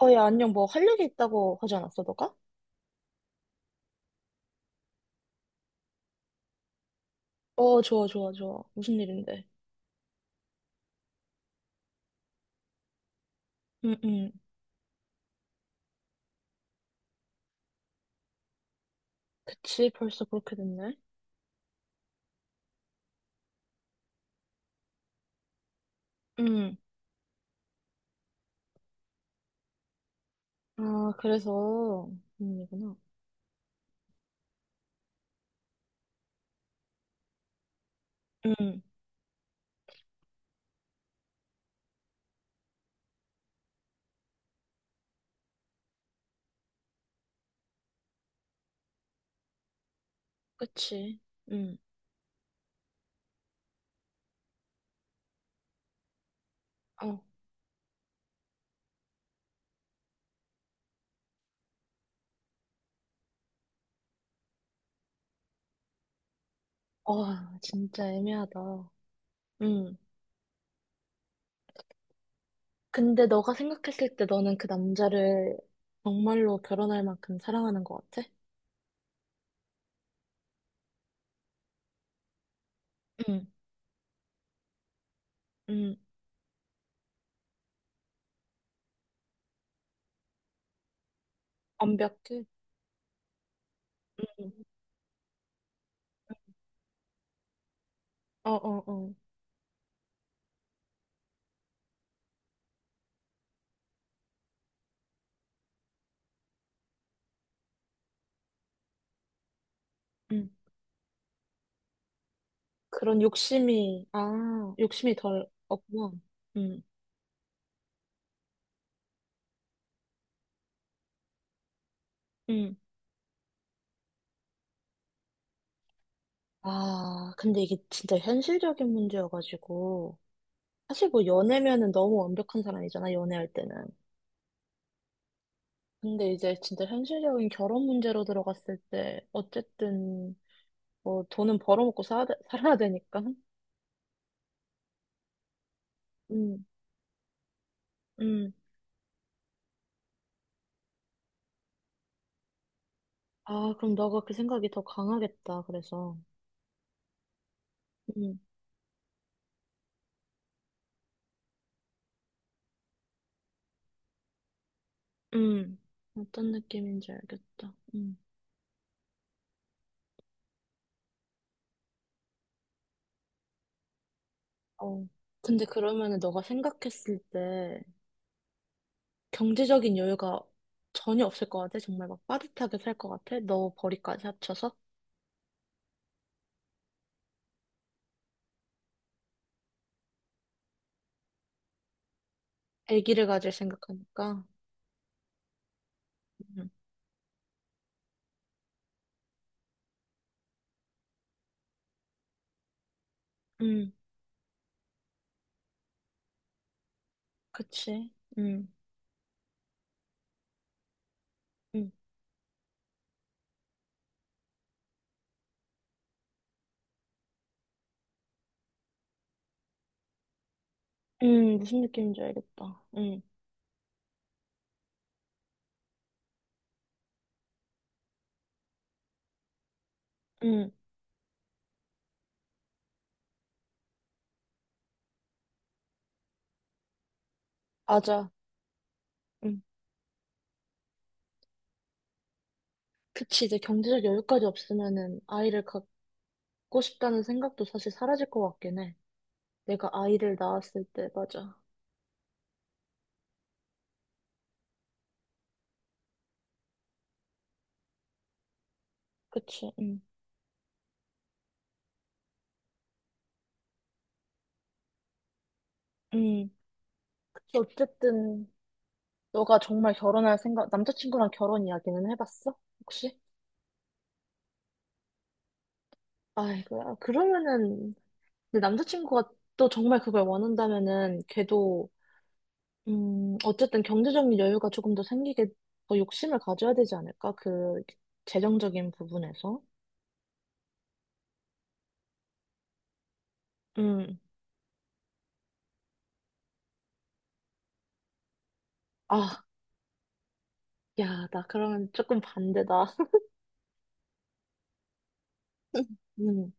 어, 야, 안녕. 뭐 할 일이 있다고 하지 않았어, 너가? 어, 좋아, 좋아, 좋아. 무슨 일인데? 응, 응. 그치, 벌써 그렇게 됐네. 응. 아, 그래서, 이구나. 응, 그치. 응. 어. 와, 진짜 애매하다. 응. 근데 너가 생각했을 때 너는 그 남자를 정말로 결혼할 만큼 사랑하는 것 같아? 응, 응. 완벽해? 응. 어, 어, 어. 응. 그런 욕심이, 아, 욕심이 덜 없구나. 응, 아, 근데 이게 진짜 현실적인 문제여가지고. 사실 뭐 연애면은 너무 완벽한 사람이잖아, 연애할 때는. 근데 이제 진짜 현실적인 결혼 문제로 들어갔을 때, 어쨌든, 뭐 돈은 벌어먹고 살아야 되니까. 음, 음. 아, 그럼 너가 그 생각이 더 강하겠다, 그래서. 음, 응. 어떤 느낌인지 알겠다. 어. 근데 그러면은 너가 생각했을 때, 경제적인 여유가 전혀 없을 것 같아. 정말 막 빠듯하게 살 것 같아. 너 벌이까지 합쳐서 아기를 가질 생각하니까. 음, 음, 그치. 음, 무슨 느낌인지 알겠다. 음, 맞아. 음, 그치. 이제 경제적 여유까지 없으면은 아이를 갖고 싶다는 생각도 사실 사라질 것 같긴 해. 내가 아이를 낳았을 때, 맞아. 그치. 음, 그치. 어쨌든 너가 정말 결혼할 생각, 남자친구랑 결혼 이야기는 해봤어? 혹시? 아이고야. 그러면은, 근데 남자친구가 또 정말 그걸 원한다면은, 걔도, 어쨌든 경제적인 여유가 조금 더 생기게 더 욕심을 가져야 되지 않을까? 그, 재정적인 부분에서. 음. 아, 야, 나 그러면 조금 반대다. 음,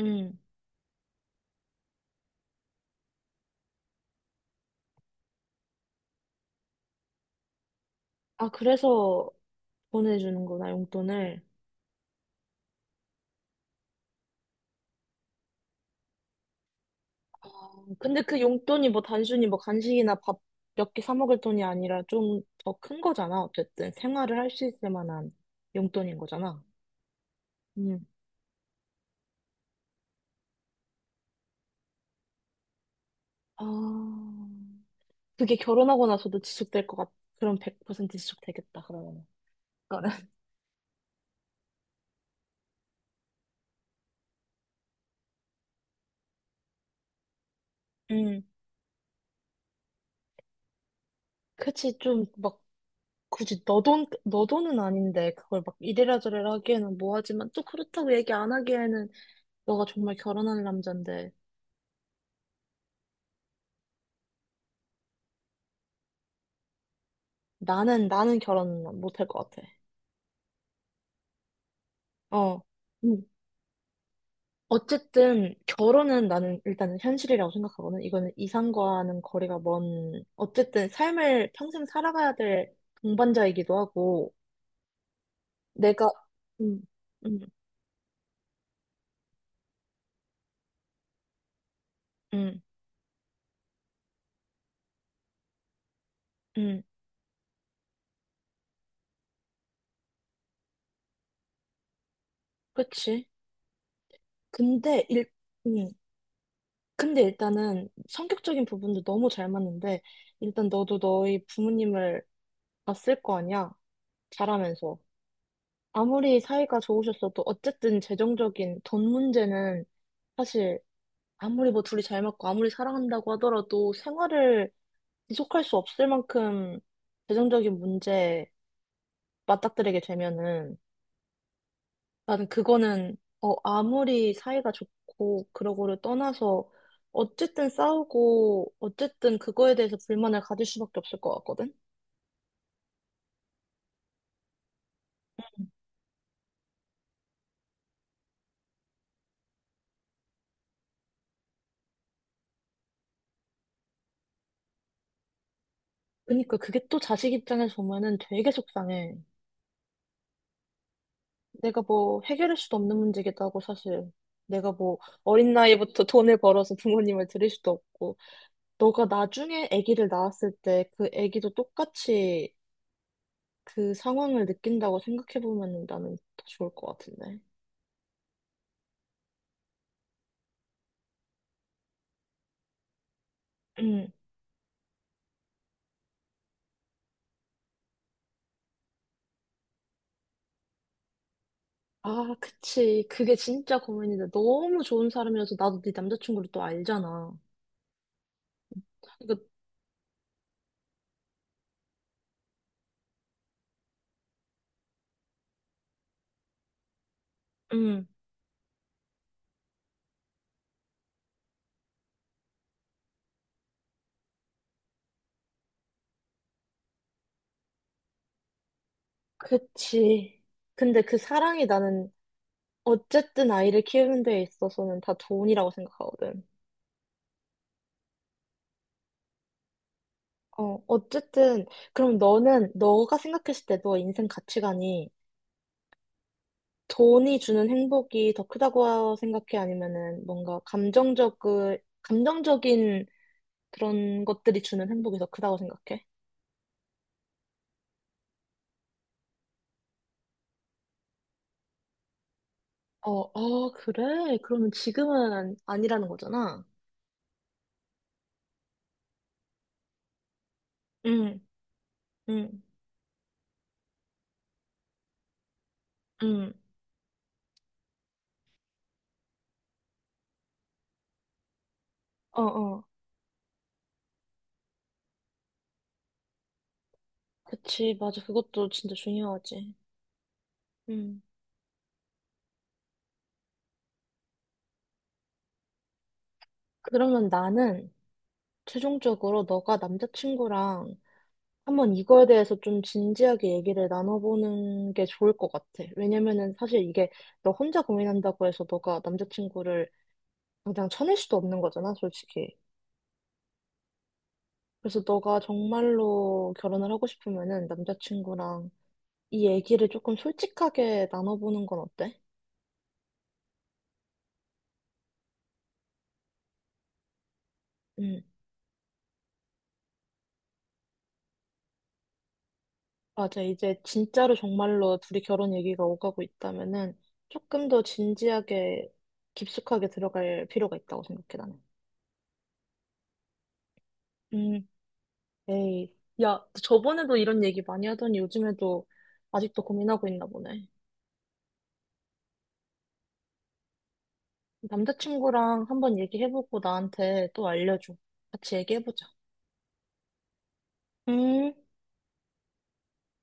음. 아, 그래서 보내주는구나, 용돈을. 어, 근데 그 용돈이 뭐 단순히 뭐 간식이나 밥 몇 개 사 먹을 돈이 아니라 좀 더 큰 거잖아. 어쨌든 생활을 할 수 있을 만한 용돈인 거잖아. 음. 아, 그게 결혼하고 나서도 그럼 100% 지속되겠다, 그러면. 그거는. 음. 그치, 좀, 막, 굳이 너 돈, 너 돈은 아닌데, 그걸 막 이래라 저래라 하기에는 뭐하지만, 또 그렇다고 얘기 안 하기에는, 너가 정말 결혼할 남잔데, 나는 결혼 못할 것 같아. 어. 음. 어쨌든, 결혼은 나는 일단은 현실이라고 생각하거든. 이거는 이상과는 거리가 먼, 어쨌든 삶을 평생 살아가야 될 동반자이기도 하고, 내가, 음, 음, 음, 음, 그치. 근데 일, 음, 근데 일단은 성격적인 부분도 너무 잘 맞는데, 일단 너도 너희 부모님을 봤을 거 아니야? 자라면서. 아무리 사이가 좋으셨어도 어쨌든 재정적인 돈 문제는 사실 아무리 뭐 둘이 잘 맞고 아무리 사랑한다고 하더라도 생활을 지속할 수 없을 만큼 재정적인 문제에 맞닥뜨리게 되면은 나는 그거는 어, 아무리 사이가 좋고 그러고를 떠나서 어쨌든 싸우고 어쨌든 그거에 대해서 불만을 가질 수밖에 없을 것 같거든. 그러니까 그게 또 자식 입장에서 보면은 되게 속상해. 내가 뭐 해결할 수도 없는 문제기도 하고 사실 내가 뭐 어린 나이부터 돈을 벌어서 부모님을 드릴 수도 없고 너가 나중에 아기를 낳았을 때 그 아기도 똑같이 그 상황을 느낀다고 생각해 보면은 나는 더 좋을 것 같은데. 아, 그치. 그게 진짜 고민인데 너무 좋은 사람이어서 나도 네 남자친구를 또 알잖아. 그러니까, 음, 그치. 근데 그 사랑이 나는 어쨌든 아이를 키우는 데 있어서는 다 돈이라고 생각하거든. 어, 어쨌든 그럼 너는 너가 생각했을 때 너의 인생 가치관이 돈이 주는 행복이 더 크다고 생각해? 아니면은 뭔가 감정적, 감정적인 그런 것들이 주는 행복이 더 크다고 생각해? 어, 어, 그래? 그러면 지금은 아니라는 거잖아. 응, 응, 응. 어, 어. 그치, 맞아. 그것도 진짜 중요하지. 응. 그러면 나는 최종적으로 너가 남자친구랑 한번 이거에 대해서 좀 진지하게 얘기를 나눠보는 게 좋을 것 같아. 왜냐면은 사실 이게 너 혼자 고민한다고 해서 너가 남자친구를 당장 쳐낼 수도 없는 거잖아, 솔직히. 그래서 너가 정말로 결혼을 하고 싶으면은 남자친구랑 이 얘기를 조금 솔직하게 나눠보는 건 어때? 음, 맞아. 이제 진짜로 정말로 둘이 결혼 얘기가 오가고 있다면은 조금 더 진지하게 깊숙하게 들어갈 필요가 있다고 생각해, 나는. 음, 에이. 야, 너 저번에도 이런 얘기 많이 하더니 요즘에도 아직도 고민하고 있나 보네. 남자친구랑 한번 얘기해보고 나한테 또 알려줘. 같이 얘기해보자. 음.